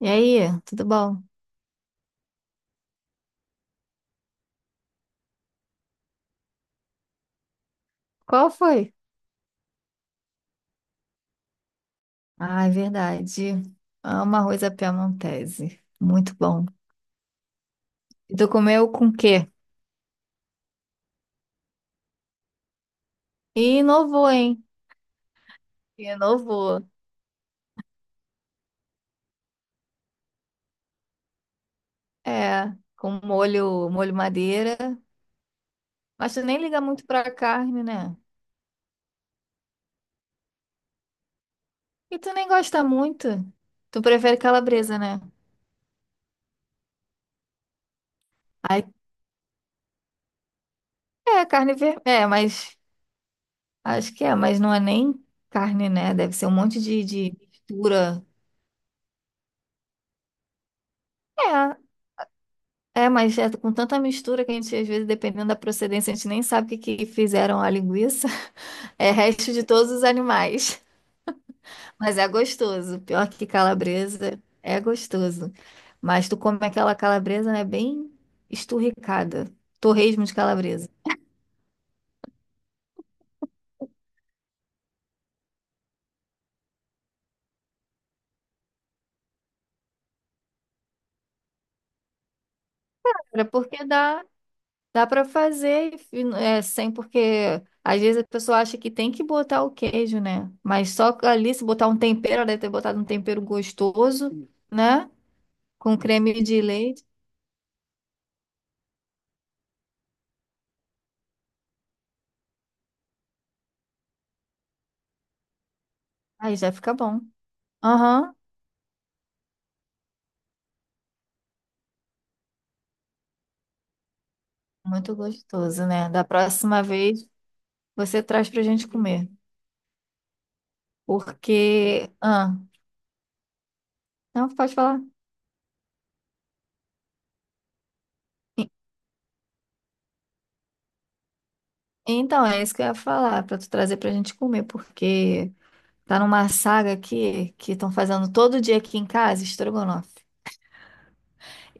E aí, tudo bom? Qual foi? Ah, é verdade. Amo arroz à piamontese. Muito bom. E tu comeu com o quê? E inovou, hein? Inovou. É, com molho, molho madeira. Mas tu nem liga muito pra carne, né? E tu nem gosta muito. Tu prefere calabresa, né? Ai, é, carne vermelha. É, mas acho que é, mas não é nem carne, né? Deve ser um monte de mistura. É, É, mas é com tanta mistura que a gente, às vezes, dependendo da procedência, a gente nem sabe o que que fizeram a linguiça. É resto de todos os animais. Mas é gostoso. Pior que calabresa, é gostoso. Mas tu come aquela calabresa, né, bem esturricada. Torresmo de calabresa. É porque dá para fazer e sem, porque às vezes a pessoa acha que tem que botar o queijo, né? Mas só ali, se botar um tempero, ela deve ter botado um tempero gostoso, né? Com creme de leite. Aí já fica bom. Aham, muito gostoso, né? Da próxima vez você traz pra gente comer. Porque. Ah, não, pode falar. E- Então, é isso que eu ia falar, pra tu trazer pra gente comer, porque tá numa saga aqui que estão fazendo todo dia aqui em casa, estrogonofe.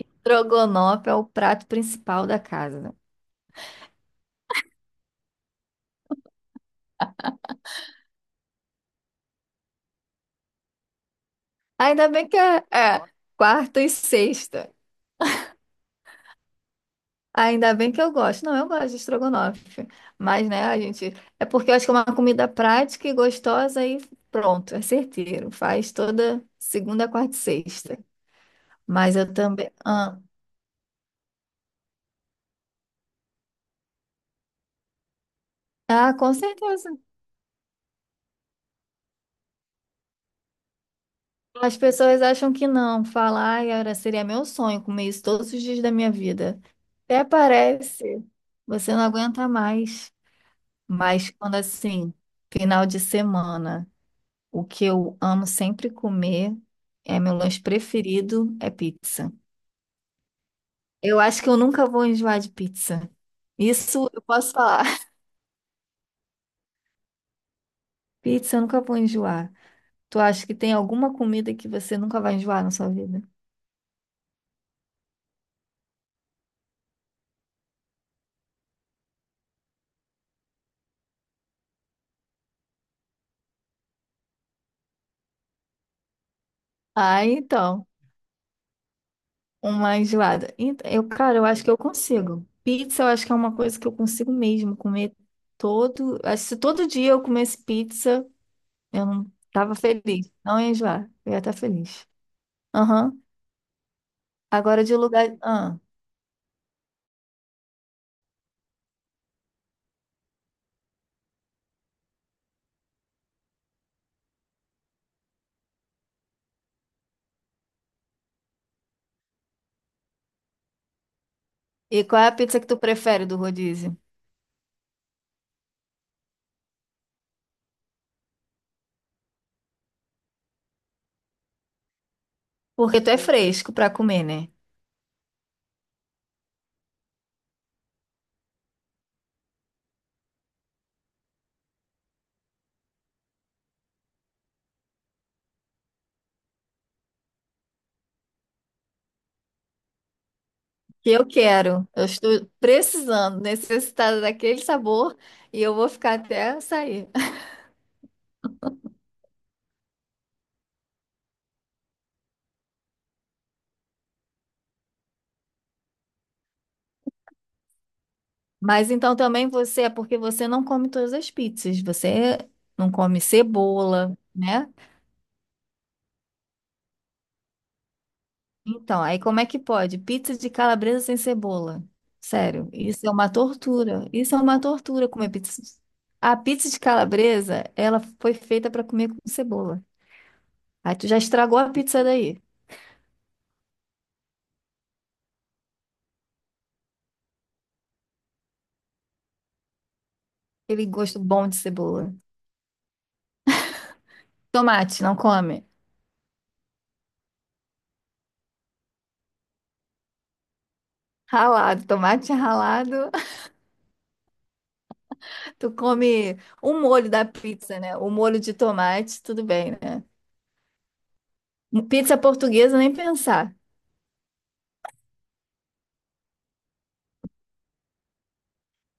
Estrogonofe é o prato principal da casa. Né? Ainda bem que é, é quarta e sexta. Ainda bem que eu gosto. Não, eu gosto de estrogonofe. Mas, né, a gente. É porque eu acho que é uma comida prática e gostosa e pronto, é certeiro. Faz toda segunda, quarta e sexta. Mas eu também. Ah, ah, com certeza. As pessoas acham que não. Falar, ai, seria meu sonho comer isso todos os dias da minha vida. Até parece. Você não aguenta mais. Mas quando assim, final de semana. O que eu amo sempre comer é meu lanche preferido é pizza. Eu acho que eu nunca vou enjoar de pizza. Isso eu posso falar. Pizza eu nunca vou enjoar. Tu acha que tem alguma comida que você nunca vai enjoar na sua vida? Ah, então, uma enjoada. Eu, cara, eu acho que eu consigo. Pizza, eu acho que é uma coisa que eu consigo mesmo comer todo. Acho que se todo dia eu comesse pizza, eu não tava feliz. Não ia enjoar. Eu ia estar feliz. Aham. Agora de lugar. Ah. E qual é a pizza que tu prefere do rodízio? Porque tu é fresco pra comer, né? Que eu quero. Eu estou precisando, necessitada daquele sabor e eu vou ficar até sair. Mas então também você é porque você não come todas as pizzas. Você não come cebola, né? Então, aí como é que pode? Pizza de calabresa sem cebola. Sério, isso é uma tortura. Isso é uma tortura comer pizza. A pizza de calabresa, ela foi feita para comer com cebola. Aí tu já estragou a pizza daí. Aquele gosto bom de cebola. Tomate, não come. Ralado, tomate ralado. Tu come o molho da pizza, né? O molho de tomate, tudo bem, né? Pizza portuguesa, nem pensar.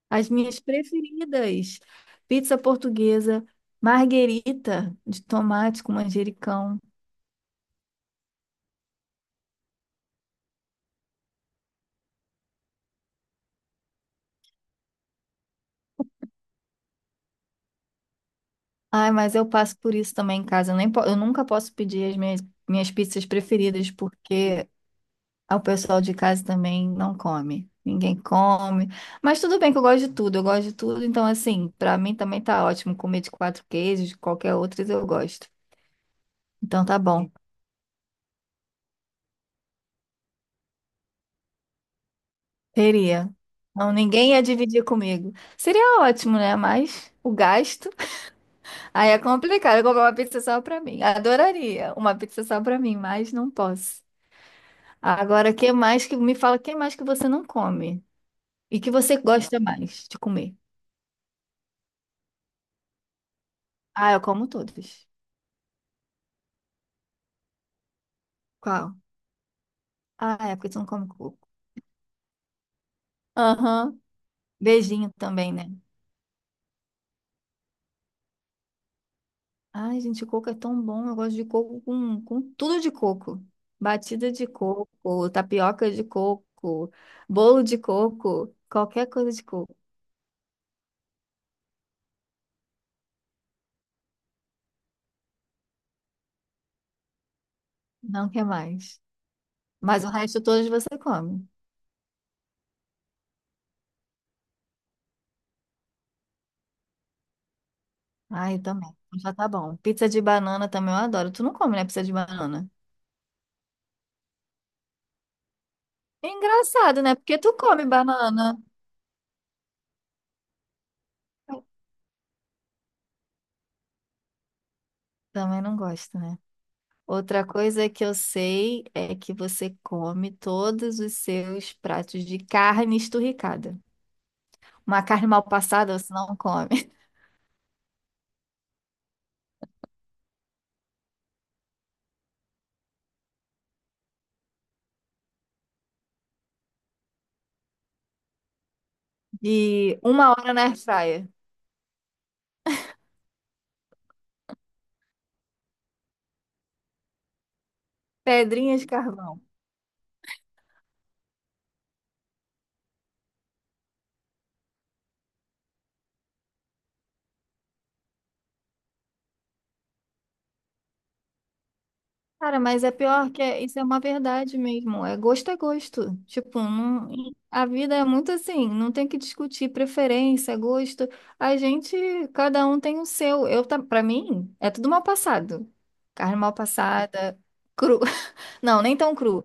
As minhas preferidas. Pizza portuguesa, marguerita de tomate com manjericão. Ai, mas eu passo por isso também em casa. Eu, nem po- eu nunca posso pedir as minhas, pizzas preferidas, porque ah, o pessoal de casa também não come. Ninguém come. Mas tudo bem que eu gosto de tudo. Eu gosto de tudo. Então, assim, pra mim também tá ótimo comer de quatro queijos, de qualquer outras eu gosto. Então tá bom. Teria. Não, ninguém ia dividir comigo. Seria ótimo, né? Mas o gasto. Aí é complicado. Eu comprar uma pizza só pra mim. Adoraria uma pizza só pra mim, mas não posso. Agora, que mais que me fala, que mais que você não come? E que você gosta mais de comer? Ah, eu como todos. Qual? Ah, é, porque você não come coco. Aham. Beijinho também, né? Ai, gente, coco é tão bom. Eu gosto de coco com tudo de coco. Batida de coco, tapioca de coco, bolo de coco, qualquer coisa de coco. Não quer mais. Mas o resto todos você come. Ai, eu também. Já tá bom. Pizza de banana também eu adoro. Tu não come, né, pizza de banana? É engraçado, né? Porque tu come banana. Também não gosto, né? Outra coisa que eu sei é que você come todos os seus pratos de carne esturricada. Uma carne mal passada você não come. De uma hora na airfryer. Pedrinha de carvão. Cara, mas é pior que isso é uma verdade mesmo. É gosto é gosto. Tipo, a vida é muito assim. Não tem que discutir preferência, gosto. A gente, cada um tem o seu. Eu, pra mim, é tudo mal passado. Carne mal passada, cru. Não, nem tão cru.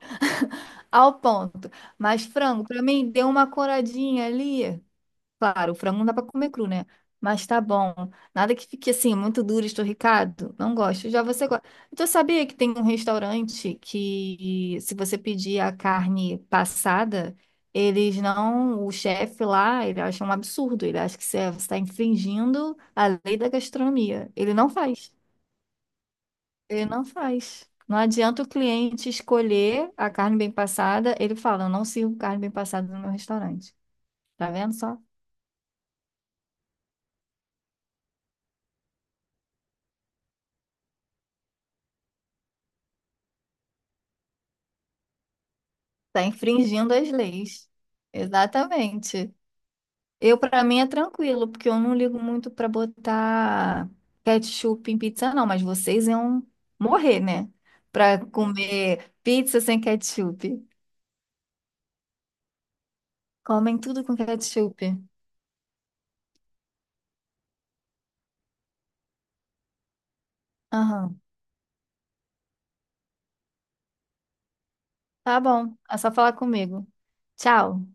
Ao ponto. Mas frango, pra mim, deu uma coradinha ali. Claro, o frango não dá pra comer cru, né? Mas tá bom. Nada que fique assim, muito duro, esturricado. Não gosto. Já você gosta. Então, sabia que tem um restaurante que, se você pedir a carne passada, eles não. O chefe lá, ele acha um absurdo. Ele acha que você está infringindo a lei da gastronomia. Ele não faz. Ele não faz. Não adianta o cliente escolher a carne bem passada. Ele fala, eu não sirvo carne bem passada no meu restaurante. Tá vendo só? Tá infringindo as leis. Exatamente. Eu, para mim, é tranquilo, porque eu não ligo muito para botar ketchup em pizza, não. Mas vocês iam morrer, né? Para comer pizza sem ketchup. Comem tudo com ketchup. Aham. Tá bom. É só falar comigo. Tchau.